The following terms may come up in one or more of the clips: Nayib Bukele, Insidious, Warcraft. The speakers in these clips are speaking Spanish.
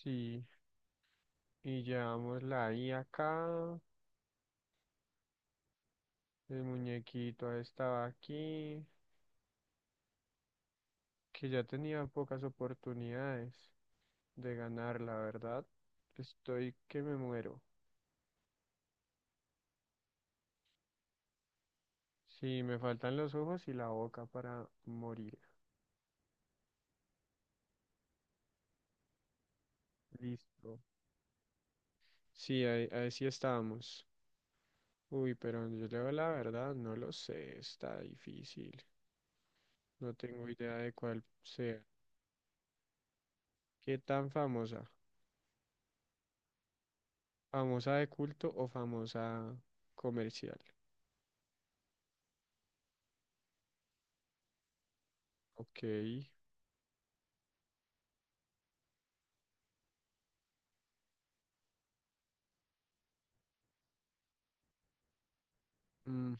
Sí, y llevamos la I acá, el muñequito estaba aquí, que ya tenía pocas oportunidades de ganar, la verdad. Estoy que me muero. Sí, me faltan los ojos y la boca para morir. Listo. Sí, ahí sí estábamos. Uy, pero yo leo la verdad, no lo sé, está difícil. No tengo idea de cuál sea. ¿Qué tan famosa? ¿Famosa de culto o famosa comercial? Ok. mm,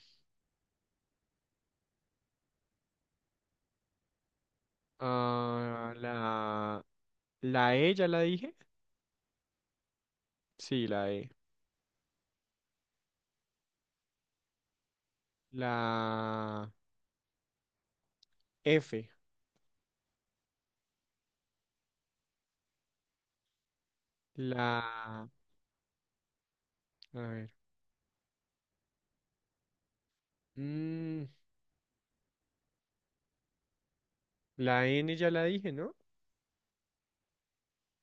ah, la, la E ya la dije. Sí, la E. La F. La... A ver. mm, la N ya la dije, ¿no?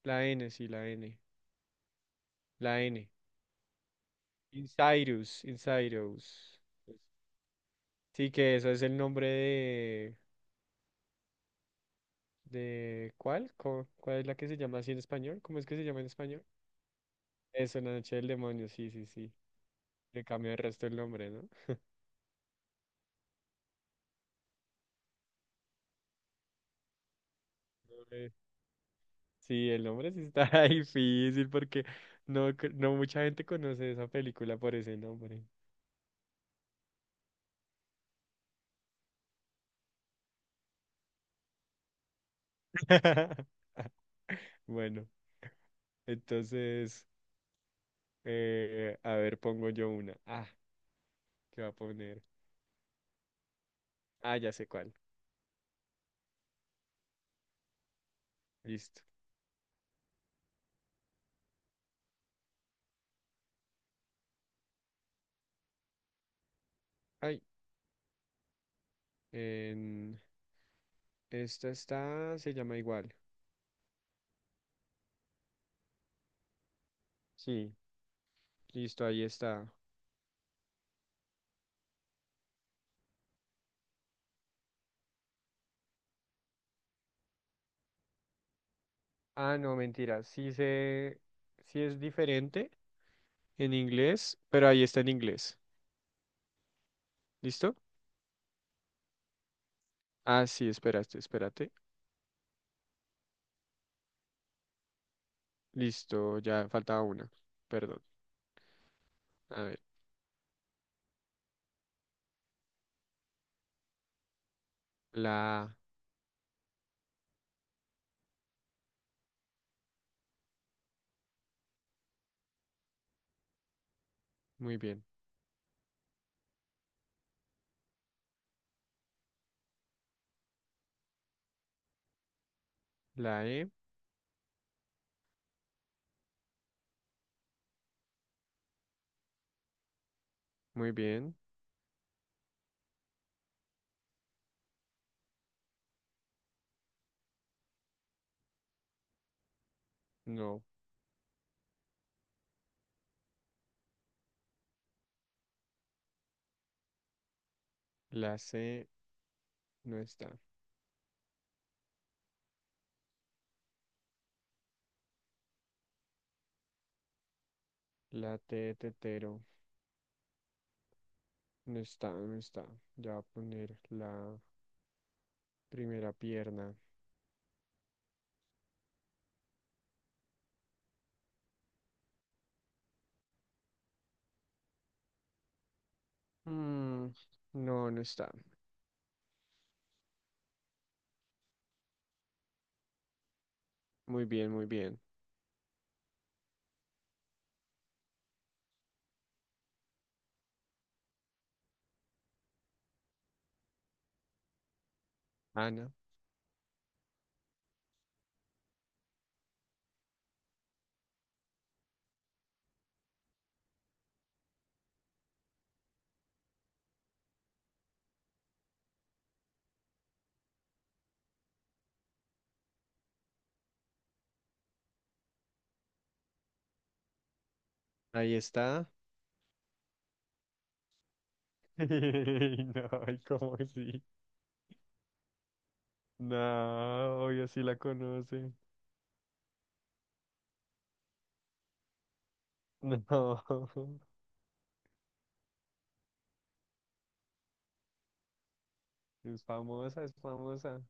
La N, sí, la N. La N. Insidious. Insidious. Sí, que eso es el nombre de ¿cuál? ¿Cuál es la que se llama así en español? ¿Cómo es que se llama en español? Eso, la noche del demonio, sí, sí, sí. Le cambió el resto el nombre, ¿no? Sí, el nombre sí está difícil porque no mucha gente conoce esa película por ese nombre. Bueno, entonces, a ver, pongo yo una. Ah, ¿qué va a poner? Ah, ya sé cuál. Listo. Ay, en... esta está, se llama igual. Sí, listo, ahí está. Ah, no, mentira. Sí es diferente en inglés, pero ahí está en inglés. ¿Listo? Ah, sí, espérate, espérate. Listo, ya faltaba una. Perdón. A ver, la A, muy bien. La E, muy bien. No. La C, no está. La T, de tetero, no está, no está. Ya voy a poner la primera pierna. Mm, no, no está. Muy bien, muy bien. Ana, ahí está. No, ay, ¿cómo sí? No, obvio sí la conoce. No, es famosa, es famosa.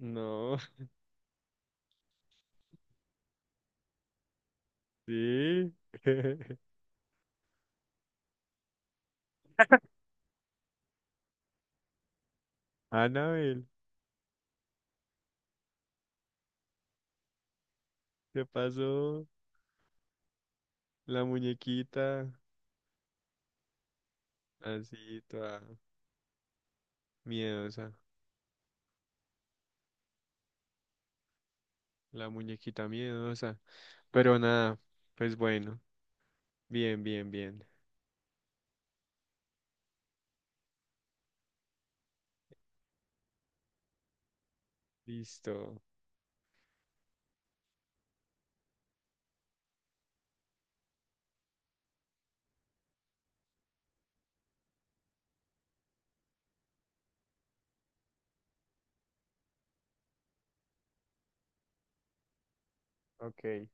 No. Sí. Anabel, ¿qué pasó? La muñequita, así toda miedosa, la muñequita miedosa. Pero nada, pues bueno, bien, bien, bien. Listo. Ok.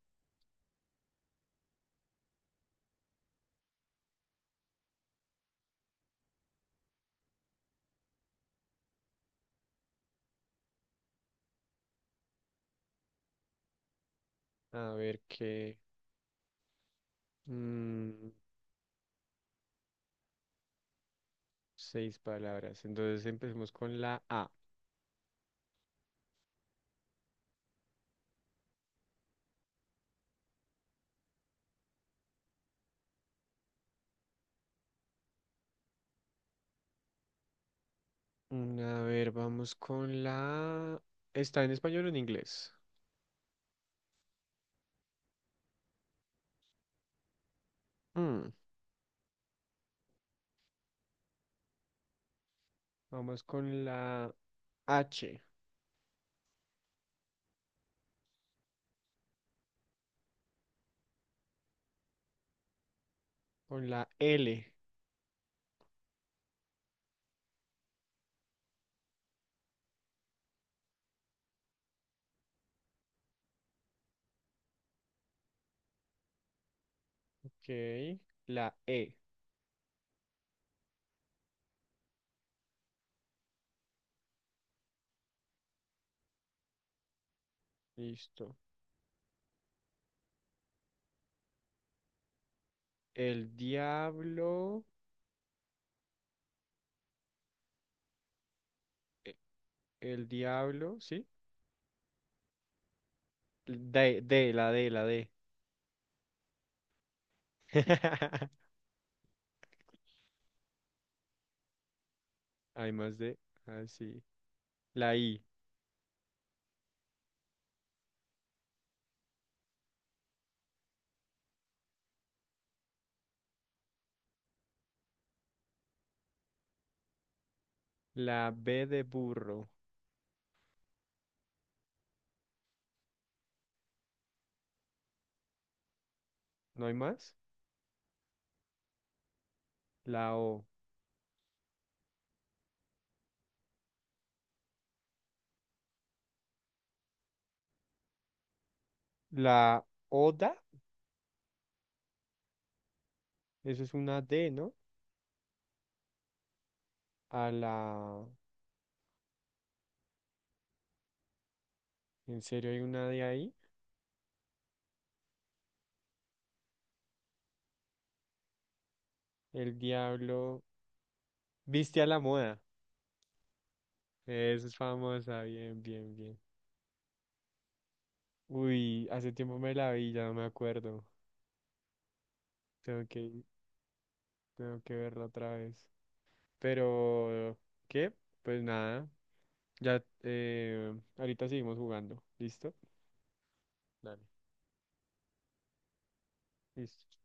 A ver qué. mm, seis palabras. Entonces empecemos con la A. Mm, a ver, vamos con la... ¿Está en español o en inglés? Mm, vamos con la H, con la L. Ok, la E, listo. El diablo, e- el diablo, ¿sí? La D. Hay más D, así. La I, la B de burro, ¿no hay más? La O, la Oda, eso es una D, ¿no? A la, ¿en serio hay una D ahí? El diablo, viste a la moda, eso es famosa, bien, bien, bien. Uy, hace tiempo me la vi, ya no me acuerdo. Tengo que Tengo que verla otra vez. Pero, ¿qué? Pues nada. Ya, ahorita seguimos jugando. ¿Listo? Dale. Listo.